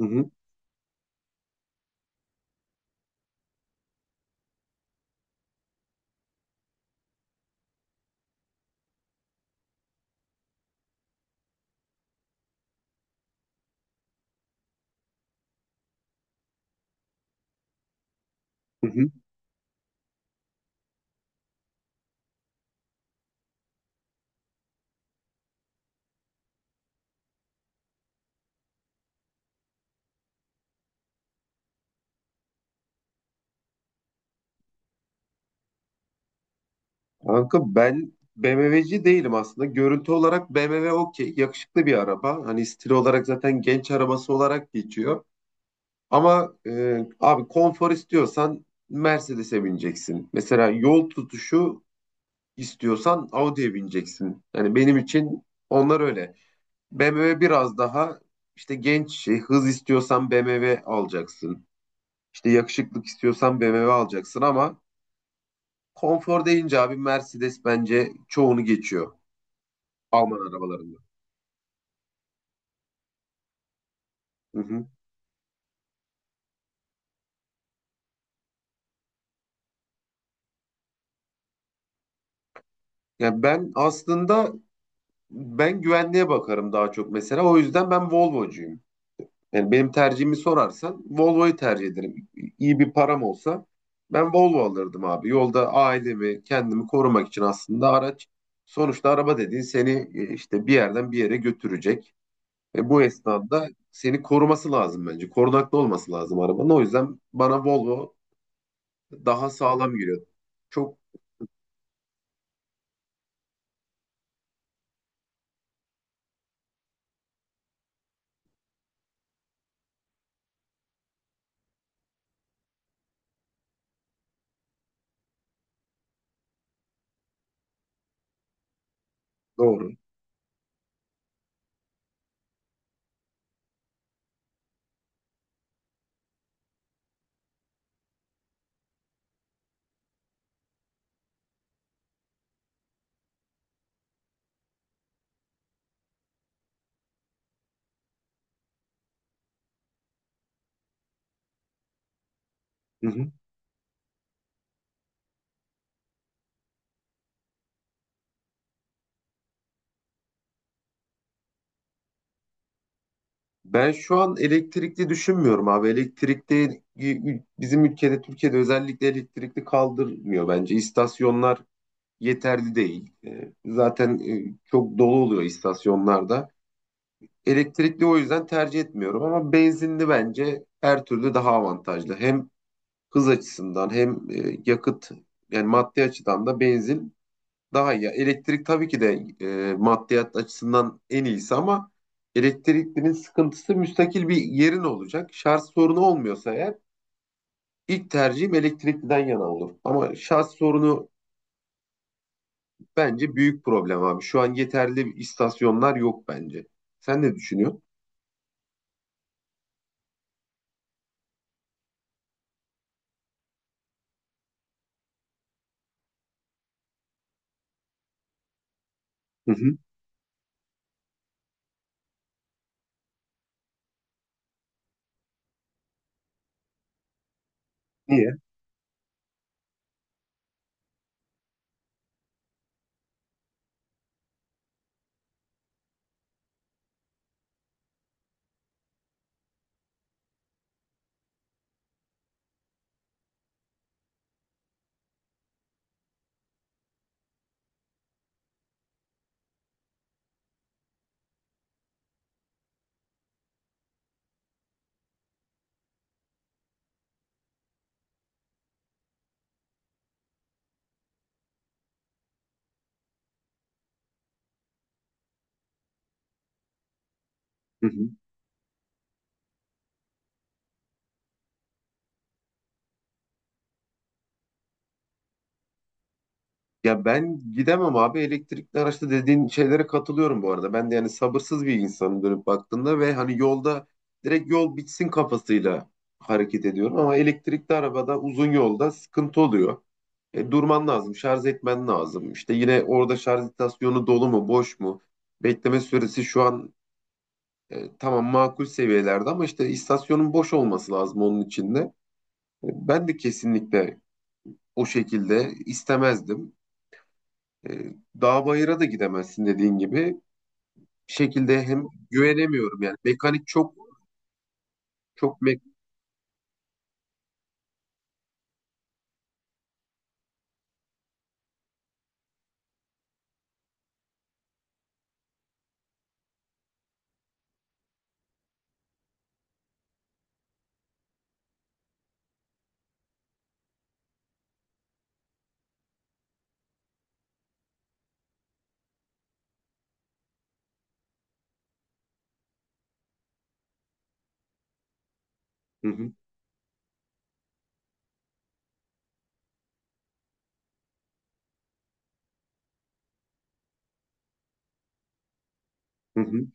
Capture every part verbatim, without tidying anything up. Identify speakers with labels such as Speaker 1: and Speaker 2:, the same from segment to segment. Speaker 1: Hı hı, hı hı. Kanka ben B M W'ci değilim aslında. Görüntü olarak B M W okey. Yakışıklı bir araba. Hani stil olarak zaten genç arabası olarak geçiyor. Ama e, abi konfor istiyorsan Mercedes'e bineceksin. Mesela yol tutuşu istiyorsan Audi'ye bineceksin. Yani benim için onlar öyle. B M W biraz daha işte genç şey, hız istiyorsan B M W alacaksın. İşte yakışıklık istiyorsan B M W alacaksın ama konfor deyince abi Mercedes bence çoğunu geçiyor Alman arabalarında. Hı hı. Yani ben aslında ben güvenliğe bakarım daha çok mesela. O yüzden ben Volvo'cuyum. Yani benim tercihimi sorarsan Volvo'yu tercih ederim. İyi bir param olsa ben Volvo alırdım abi. Yolda ailemi, kendimi korumak için aslında araç sonuçta araba dediğin seni e, işte bir yerden bir yere götürecek. Ve bu esnada seni koruması lazım bence. Korunaklı olması lazım arabanın. O yüzden bana Volvo daha sağlam giriyor. Çok doğru. Hı hı. Ben şu an elektrikli düşünmüyorum abi. Elektrikli bizim ülkede, Türkiye'de özellikle elektrikli kaldırmıyor bence. İstasyonlar yeterli değil. E, Zaten e, çok dolu oluyor istasyonlarda. Elektrikli o yüzden tercih etmiyorum ama benzinli bence her türlü daha avantajlı. Hem hız açısından hem e, yakıt yani maddi açıdan da benzin daha iyi. Elektrik tabii ki de e, maddiyat açısından en iyisi ama elektriklinin sıkıntısı müstakil bir yerin olacak. Şarj sorunu olmuyorsa eğer ilk tercihim elektrikliden yana olur. Ama şarj sorunu bence büyük problem abi. Şu an yeterli istasyonlar yok bence. Sen ne düşünüyorsun? Hı hı. Niye? Hı hı. Ya ben gidemem abi elektrikli araçta dediğin şeylere katılıyorum bu arada. Ben de yani sabırsız bir insanım dönüp baktığımda ve hani yolda direkt yol bitsin kafasıyla hareket ediyorum. Ama elektrikli arabada uzun yolda sıkıntı oluyor. E, durman lazım, şarj etmen lazım. İşte yine orada şarj istasyonu dolu mu, boş mu? Bekleme süresi şu an e, tamam makul seviyelerde ama işte istasyonun boş olması lazım onun içinde. E, Ben de kesinlikle o şekilde istemezdim. E, Dağ bayıra da gidemezsin dediğin gibi. Bir şekilde hem güvenemiyorum yani. Mekanik çok çok mek hı hı, hı hı.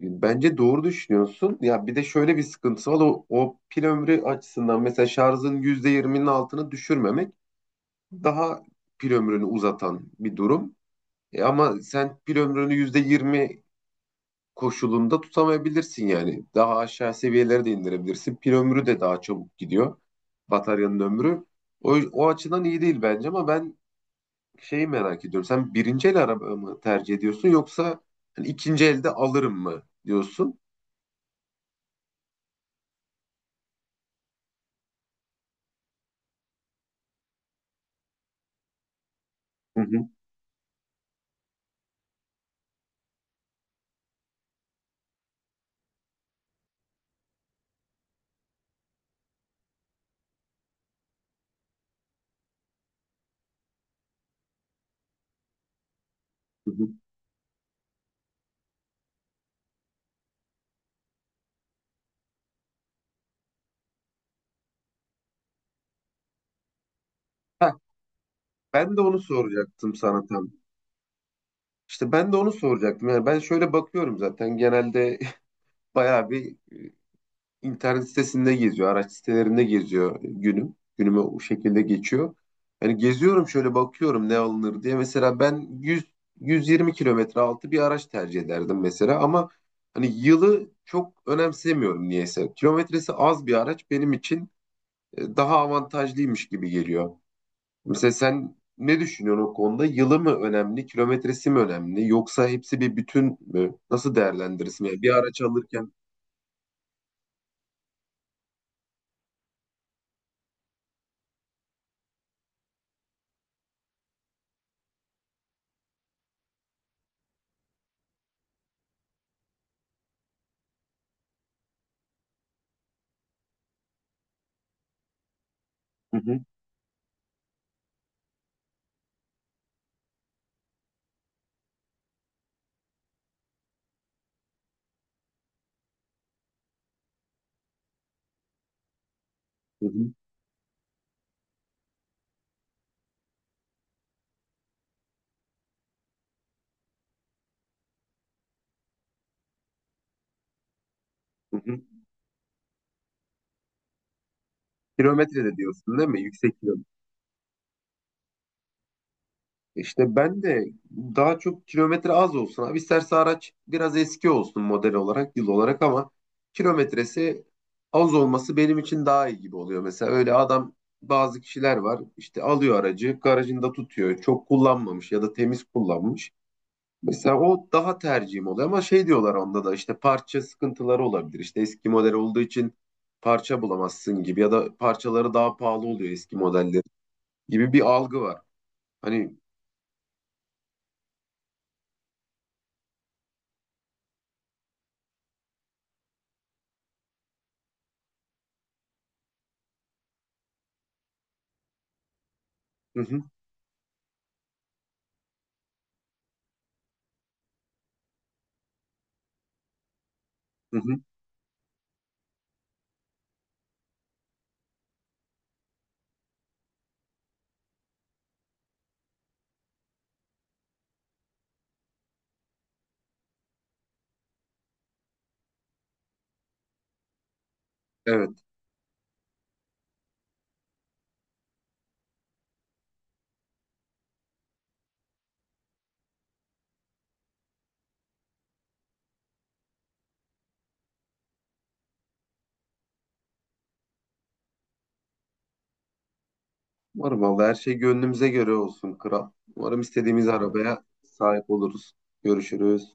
Speaker 1: Bence doğru düşünüyorsun. Ya bir de şöyle bir sıkıntısı var. O, o pil ömrü açısından mesela şarjın yüzde yirminin altını düşürmemek daha pil ömrünü uzatan bir durum. E ama sen pil ömrünü yüzde yirmi koşulunda tutamayabilirsin yani. Daha aşağı seviyelere de indirebilirsin. Pil ömrü de daha çabuk gidiyor. Bataryanın ömrü. O, o açıdan iyi değil bence ama ben şeyi merak ediyorum. Sen birinci el araba mı tercih ediyorsun yoksa hani ikinci elde alırım mı diyorsun? Hı hı, hı hı. Heh, ben de onu soracaktım sana tam. İşte ben de onu soracaktım. Yani ben şöyle bakıyorum zaten genelde bayağı bir internet sitesinde geziyor, araç sitelerinde geziyor günüm. Günüme o şekilde geçiyor. Hani geziyorum şöyle bakıyorum ne alınır diye. Mesela ben yüz yüz yirmi kilometre altı bir araç tercih ederdim mesela ama hani yılı çok önemsemiyorum niyeyse. Kilometresi az bir araç benim için e, daha avantajlıymış gibi geliyor. Mesela sen ne düşünüyorsun o konuda? Yılı mı önemli, kilometresi mi önemli yoksa hepsi bir bütün mü? Nasıl değerlendirirsin? Yani bir araç alırken. Hı hı, hı hı, hı hı. Kilometrede diyorsun değil mi? Yüksek kilometre. İşte ben de daha çok kilometre az olsun. Abi isterse araç biraz eski olsun model olarak, yıl olarak ama kilometresi az olması benim için daha iyi gibi oluyor. Mesela öyle adam bazı kişiler var işte alıyor aracı garajında tutuyor. Çok kullanmamış ya da temiz kullanmış. Mesela o daha tercihim oluyor ama şey diyorlar onda da işte parça sıkıntıları olabilir. İşte eski model olduğu için parça bulamazsın gibi ya da parçaları daha pahalı oluyor eski modelleri gibi bir algı var. Hani hı hı, hı hı, evet. Umarım vallahi her şey gönlümüze göre olsun kral. Umarım istediğimiz arabaya sahip oluruz. Görüşürüz.